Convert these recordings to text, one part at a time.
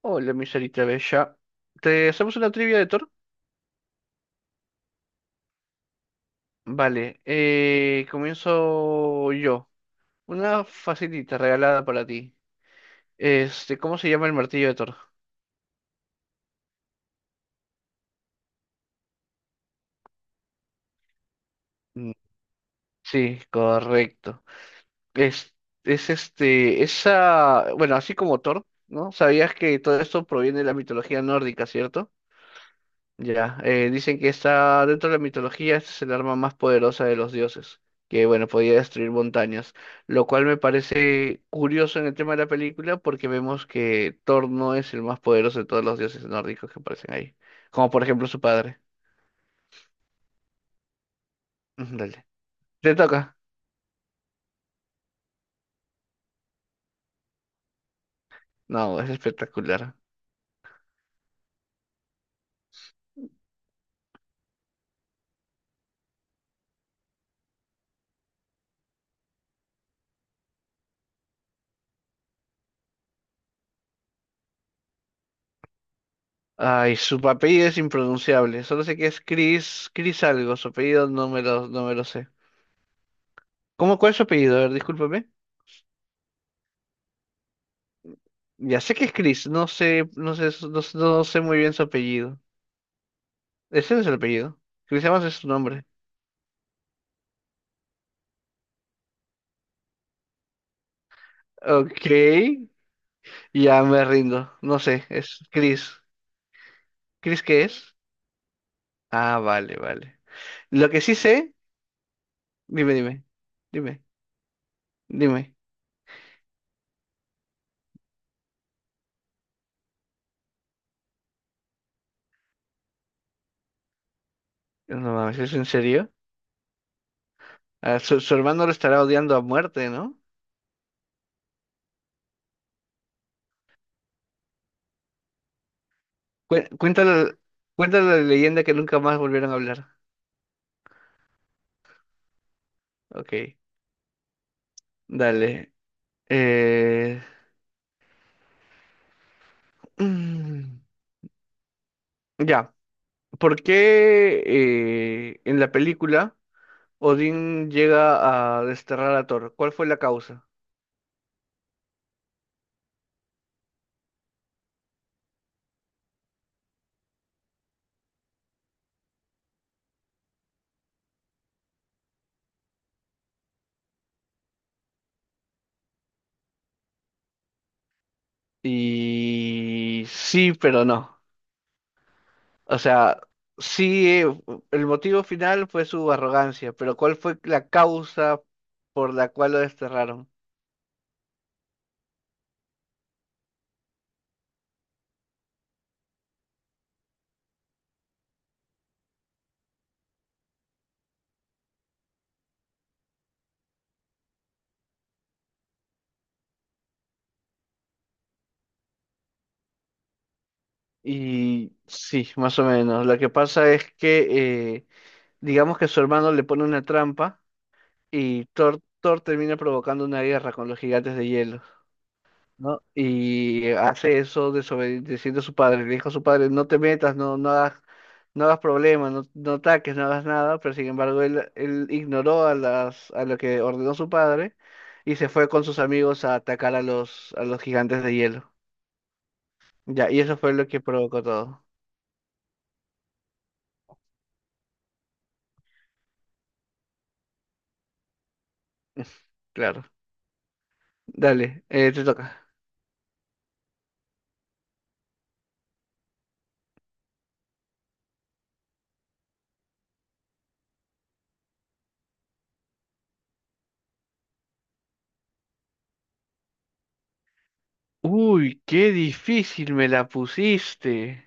Hola, mi Sarita Bella. ¿Te hacemos una trivia de Thor? Vale, comienzo yo. Una facilita regalada para ti. Este, ¿cómo se llama el martillo de Thor? Mm, sí, correcto. Es, es este, esa, bueno, así como Thor, ¿no? ¿Sabías que todo esto proviene de la mitología nórdica, cierto? Ya, dicen que está dentro de la mitología, esta es el arma más poderosa de los dioses, que bueno, podía destruir montañas, lo cual me parece curioso en el tema de la película porque vemos que Thor no es el más poderoso de todos los dioses nórdicos que aparecen ahí, como por ejemplo su padre. Ujú, dale. ¿Te toca? No, es espectacular. Ay, su apellido es impronunciable, solo sé que es Chris, Chris algo, su apellido no me lo sé. ¿Cómo, cuál es su apellido? A ver, discúlpame. Ya sé que es Chris, no sé, no sé, no, no sé muy bien su apellido. Ese no es el apellido. Chris Evans es su nombre. Ok, ya me rindo. No sé, es Chris. ¿Chris qué es? Ah, vale, vale. Lo que sí sé, dime, dime, dime, dime. No mames, ¿es en serio? Ah, su hermano lo estará odiando a muerte, ¿no? Cuéntale, cuéntale la leyenda que nunca más volvieron a hablar. Ok, dale. Eh... mm, Ya. ¿Por qué en la película Odín llega a desterrar a Thor? ¿Cuál fue la causa? Y sí, pero no. O sea, sí, el motivo final fue su arrogancia, pero ¿cuál fue la causa por la cual lo desterraron? Y sí, más o menos. Lo que pasa es que, digamos que su hermano le pone una trampa y Thor termina provocando una guerra con los gigantes de hielo. ¿No? Y hace eso desobedeciendo a su padre. Le dijo a su padre, no te metas, no, no hagas problemas, no, no ataques, no hagas nada. Pero sin embargo, él ignoró a a lo que ordenó su padre y se fue con sus amigos a atacar a a los gigantes de hielo. Ya, y eso fue lo que provocó todo. Claro. Dale, te toca. Uy, qué difícil me la pusiste.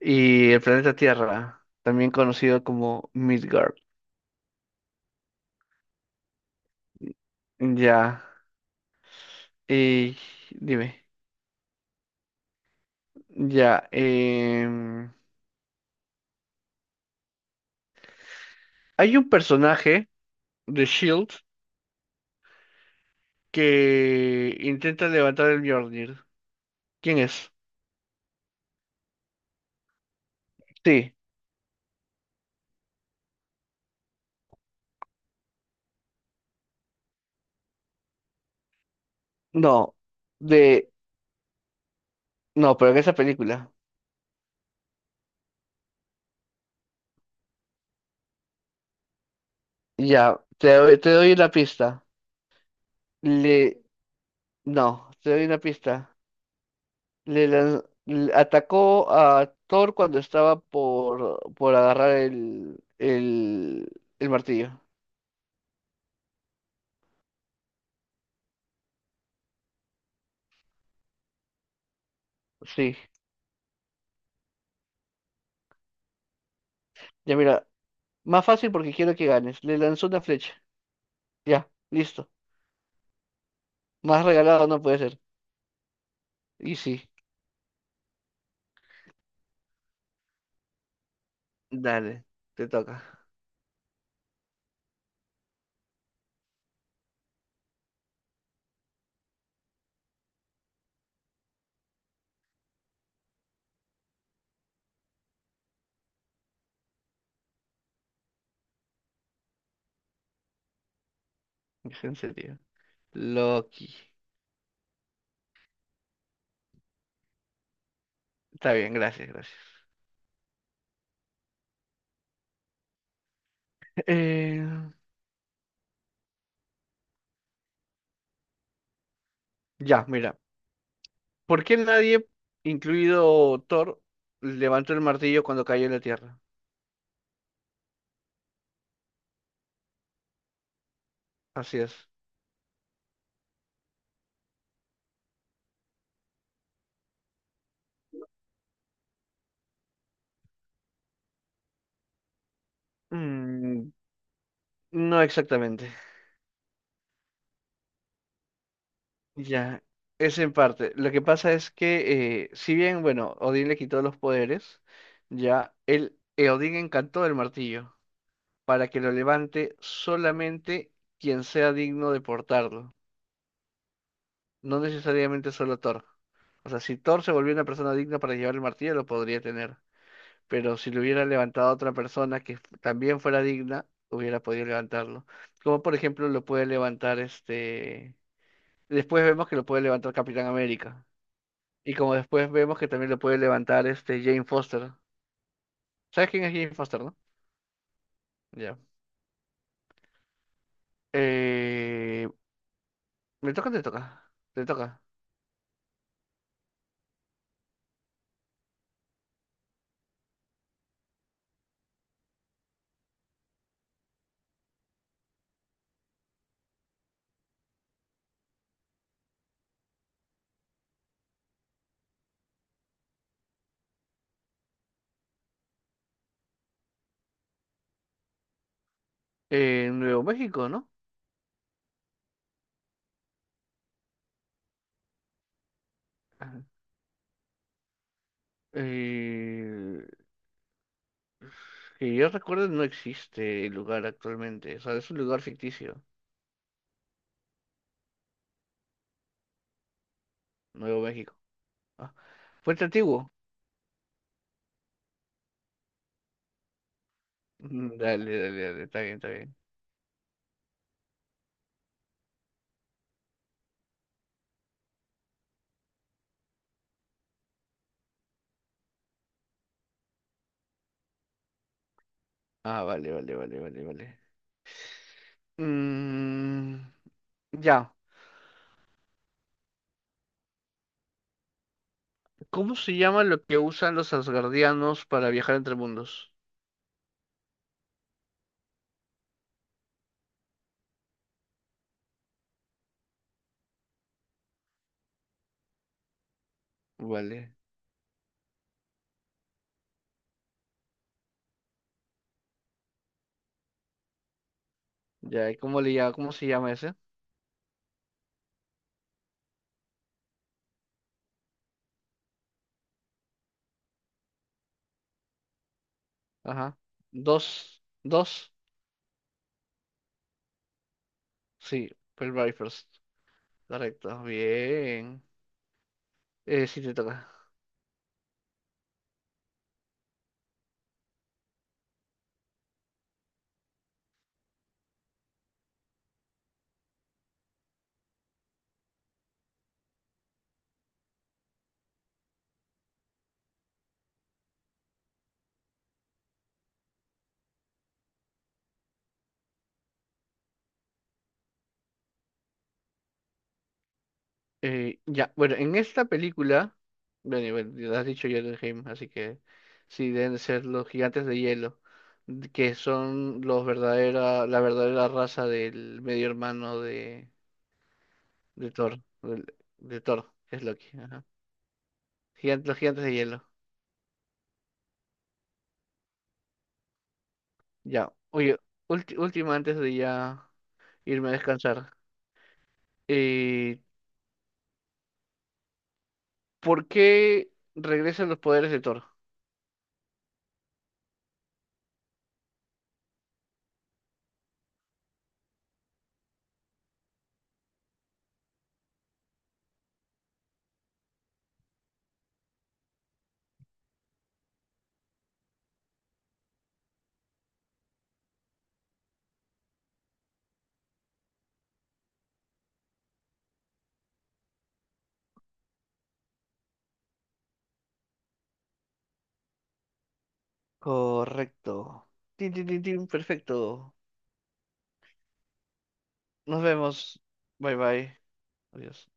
Y el planeta Tierra, también conocido como Midgard. Ya. Eh, dime, ya. Hay un personaje de Shield que intenta levantar el Mjolnir. ¿Quién es? Sí, no, de, no, pero en esa película. Ya, te doy una pista. Le, no, te doy una pista. Le, le atacó a Thor cuando estaba por agarrar el martillo. Sí, ya mira, más fácil porque quiero que ganes. Le lanzó una flecha. Ya, listo. Más regalado no puede ser. Y sí, dale, te toca. ¿Es en serio? Loki. Está bien, gracias, gracias. Eh, ya, mira. ¿Por qué nadie, incluido Thor, levantó el martillo cuando cayó en la tierra? Así es. Mm, no exactamente. Ya, es en parte. Lo que pasa es que, si bien, bueno, Odín le quitó los poderes, ya, él, Odín encantó el martillo para que lo levante solamente quien sea digno de portarlo, no necesariamente solo Thor. O sea, si Thor se volvió una persona digna para llevar el martillo, lo podría tener, pero si lo hubiera levantado otra persona que también fuera digna, hubiera podido levantarlo. Como por ejemplo lo puede levantar este... Después vemos que lo puede levantar Capitán América. Y como después vemos que también lo puede levantar este Jane Foster. ¿Sabes quién es Jane Foster, no? Ya. Eh... ¿Me toca o te toca? Te toca. En Nuevo México, ¿no? Eh, que yo recuerdo no existe el lugar actualmente, o sea, es un lugar ficticio, Nuevo México. Ah, Puente Antiguo. Mm, dale, dale, dale, está bien, está bien. Ah, vale, vale, vale, vale, vale. Mm, ya, ¿cómo se llama lo que usan los asgardianos para viajar entre mundos? Vale, ya, ¿y cómo le llama, cómo se llama ese? Ajá. Dos, dos, sí, Pearl First. Correcto, bien. Sí, te toca. Ya, bueno, en esta película, bueno, y bueno, ya has dicho Jotunheim, así que sí, deben ser los gigantes de hielo, que son los verdadera, la verdadera raza del medio hermano de Thor, Thor, que es Loki. Ajá. Los gigantes de hielo. Ya, oye, última antes de ya irme a descansar. Eh, ¿Por qué regresan los poderes de Thor? Correcto. Tin, tin, tin, tin, perfecto. Nos vemos. Bye bye. Adiós.